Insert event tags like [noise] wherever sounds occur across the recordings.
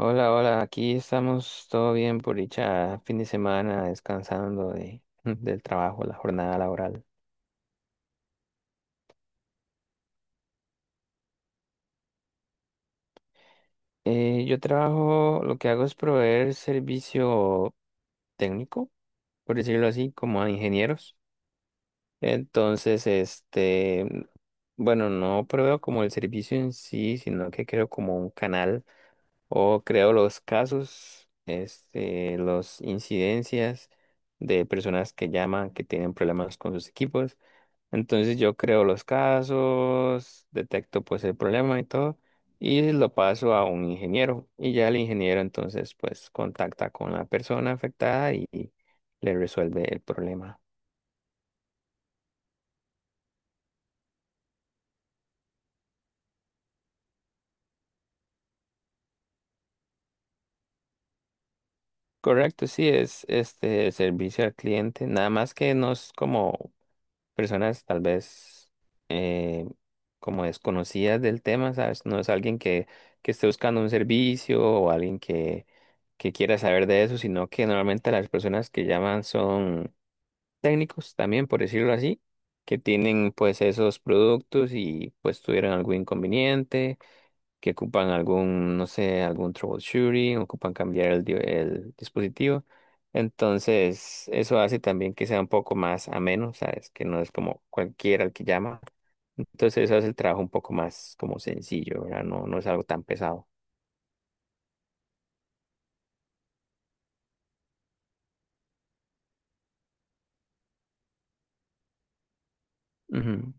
Hola, hola, aquí estamos todo bien por dicha fin de semana descansando [laughs] del trabajo, la jornada laboral. Yo trabajo, lo que hago es proveer servicio técnico, por decirlo así, como a ingenieros. Entonces, este, bueno, no proveo como el servicio en sí, sino que creo como un canal o creo los casos, este, los incidencias de personas que llaman, que tienen problemas con sus equipos. Entonces yo creo los casos, detecto pues el problema y todo, y lo paso a un ingeniero. Y ya el ingeniero entonces pues contacta con la persona afectada y le resuelve el problema. Correcto, sí, es este servicio al cliente, nada más que no es como personas tal vez eh, como desconocidas del tema, ¿sabes? No es alguien que esté buscando un servicio o alguien que quiera saber de eso, sino que normalmente las personas que llaman son técnicos también, por decirlo así, que tienen pues esos productos y pues tuvieron algún inconveniente que ocupan algún, no sé, algún troubleshooting, ocupan cambiar el dispositivo. Entonces, eso hace también que sea un poco más ameno, ¿sabes? Que no es como cualquiera el que llama. Entonces, eso hace el trabajo un poco más como sencillo, ¿verdad? No, no es algo tan pesado. Ujú.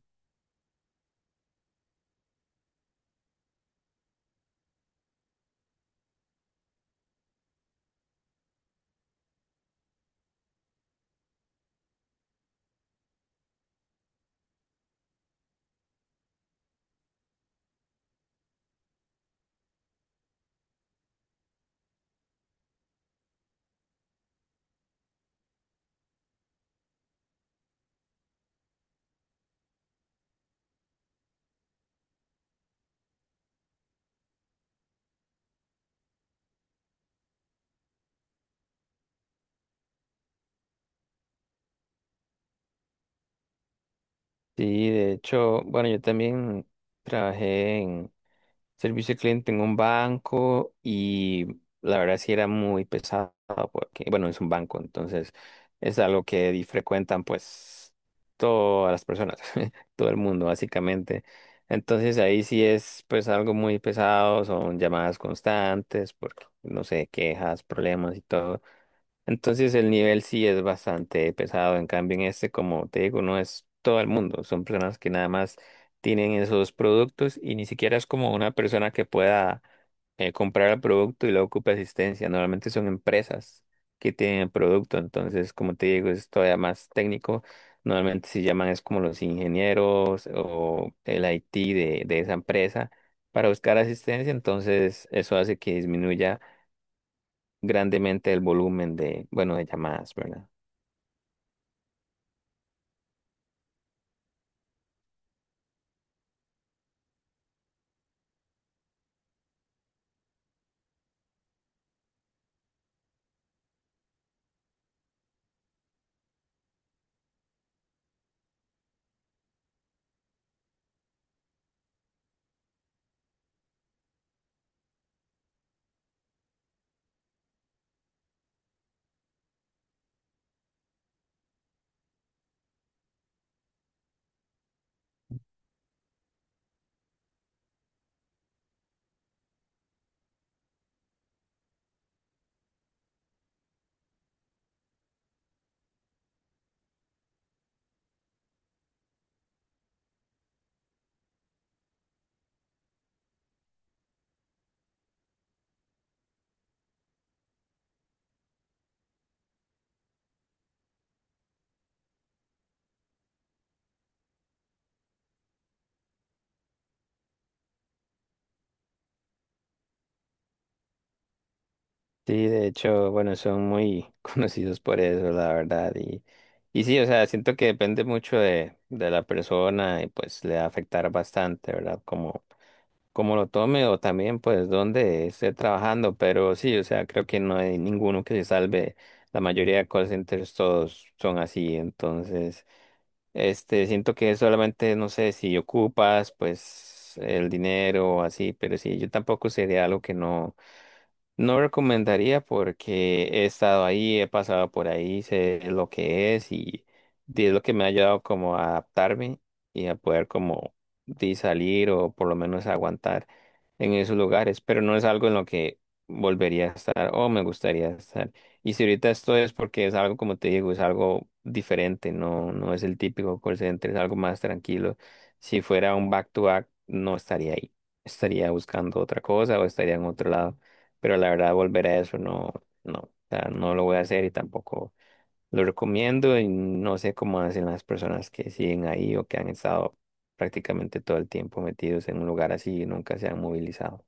Sí, de hecho, bueno, yo también trabajé en servicio al cliente en un banco y la verdad sí era muy pesado porque, bueno, es un banco, entonces es algo que frecuentan pues todas las personas, [laughs] todo el mundo básicamente. Entonces ahí sí es pues algo muy pesado, son llamadas constantes porque no sé, quejas, problemas y todo. Entonces el nivel sí es bastante pesado, en cambio en este, como te digo, no es todo el mundo, son personas que nada más tienen esos productos y ni siquiera es como una persona que pueda comprar el producto y luego ocupe asistencia, normalmente son empresas que tienen el producto, entonces como te digo, es todavía más técnico, normalmente se llaman es como los ingenieros o el IT de esa empresa para buscar asistencia, entonces eso hace que disminuya grandemente el volumen de, bueno, de llamadas, ¿verdad? Sí, de hecho, bueno, son muy [laughs] conocidos por eso, la verdad. Y sí, o sea, siento que depende mucho de la persona y pues le va a afectar bastante, ¿verdad? Como, como lo tome o también pues dónde esté trabajando. Pero sí, o sea, creo que no hay ninguno que se salve. La mayoría de call centers todos son así. Entonces, este, siento que solamente, no sé, si ocupas, pues, el dinero o así, pero sí, yo tampoco sería algo que no. No recomendaría porque he estado ahí, he pasado por ahí, sé lo que es y es lo que me ha ayudado como a adaptarme y a poder como di, salir o por lo menos aguantar en esos lugares, pero no es algo en lo que volvería a estar o me gustaría estar. Y si ahorita esto es porque es algo, como te digo, es algo diferente, no, no es el típico call center, es algo más tranquilo. Si fuera un back to back, no estaría ahí, estaría buscando otra cosa o estaría en otro lado pero la verdad volver a eso no, no, o sea, no lo voy a hacer y tampoco lo recomiendo y no sé cómo hacen las personas que siguen ahí o que han estado prácticamente todo el tiempo metidos en un lugar así y nunca se han movilizado.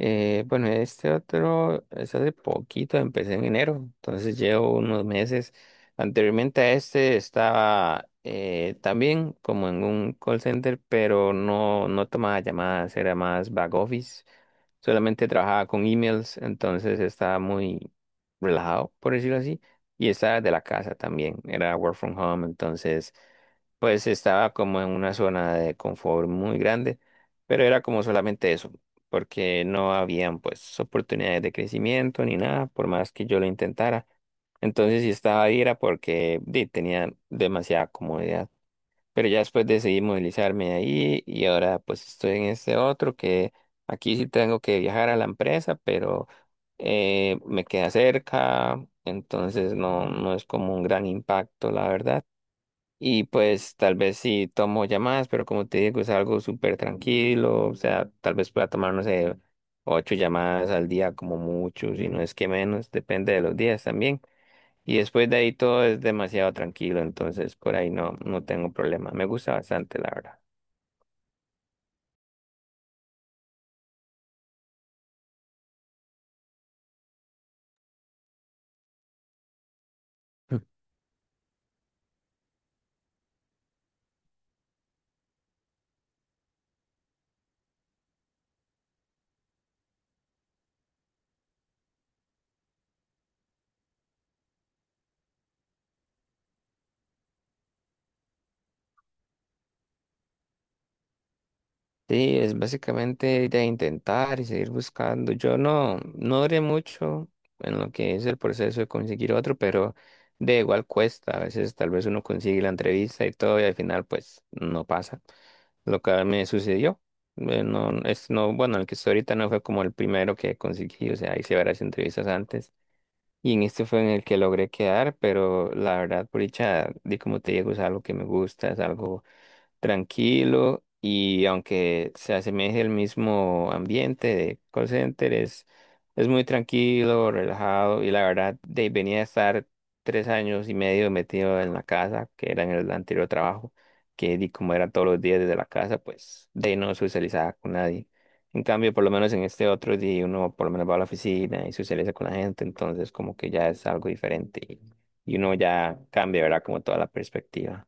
Bueno, este otro es hace poquito, empecé en enero, entonces llevo unos meses. Anteriormente a este estaba también como en un call center, pero no, no tomaba llamadas, era más back office. Solamente trabajaba con emails, entonces estaba muy relajado, por decirlo así, y estaba de la casa también, era work from home, entonces pues estaba como en una zona de confort muy grande, pero era como solamente eso, porque no habían pues oportunidades de crecimiento ni nada, por más que yo lo intentara. Entonces si estaba ahí era porque di, tenía demasiada comodidad. Pero ya después decidí movilizarme de ahí y ahora pues estoy en este otro que aquí sí tengo que viajar a la empresa, pero me queda cerca, entonces no, no es como un gran impacto, la verdad. Y pues tal vez sí tomo llamadas, pero como te digo, es algo súper tranquilo, o sea, tal vez pueda tomar, no sé, ocho llamadas al día como mucho, si no es que menos, depende de los días también. Y después de ahí todo es demasiado tranquilo, entonces por ahí no, no tengo problema. Me gusta bastante, la verdad. Mm. Sí, es básicamente de intentar y seguir buscando. Yo no, no duré mucho en lo que es el proceso de conseguir otro, pero de igual cuesta. A veces tal vez uno consigue la entrevista y todo, y al final pues no pasa. Lo que me sucedió, no, es, no, bueno, el que estoy ahorita no fue como el primero que conseguí, o sea, hice varias entrevistas antes. Y en este fue en el que logré quedar, pero la verdad, por dicha, di como te digo, es algo que me gusta, es algo tranquilo y aunque se asemeje al mismo ambiente de call center, es muy tranquilo, relajado y la verdad de, venía a estar tres años y medio metido en la casa, que era en el anterior trabajo, que di como era todos los días desde la casa, pues de ahí no socializaba con nadie. En cambio, por lo menos en este otro día uno por lo menos va a la oficina y socializa con la gente, entonces como que ya es algo diferente y uno ya cambia, ¿verdad? Como toda la perspectiva.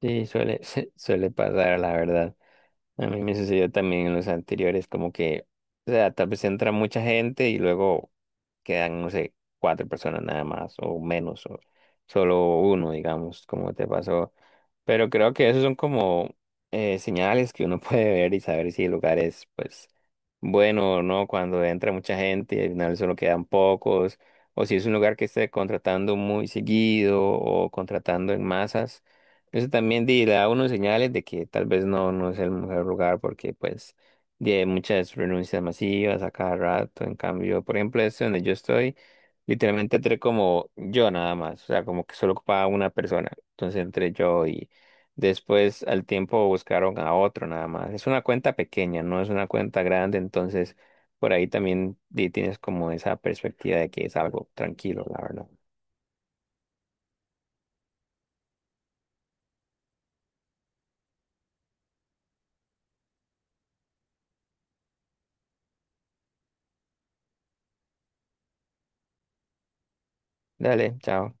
Sí, suele, [laughs] suele pasar, la verdad. A mí me sucedió también en los anteriores, como que, o sea, tal vez entra mucha gente y luego quedan, no pero creo que esos son como señales que uno [laughs] puede ver y saber si el lugar es, pues, bueno o no cuando entra mucha gente y al final solo quedan pocos, o si es un lugar que esté contratando muy seguido o contratando en masas. Eso también le da a uno señales de que tal vez no, no es el mejor lugar porque, pues, di, hay muchas renuncias masivas a cada rato. En cambio, por ejemplo, este donde yo estoy, literalmente entré como yo nada más, o sea, como que solo ocupaba una persona. Entonces entré yo. Después, al tiempo, buscaron a otro nada más. Es una cuenta pequeña, no es una cuenta grande, entonces por ahí también tienes como esa perspectiva de que es algo tranquilo, la verdad. Dale, chao.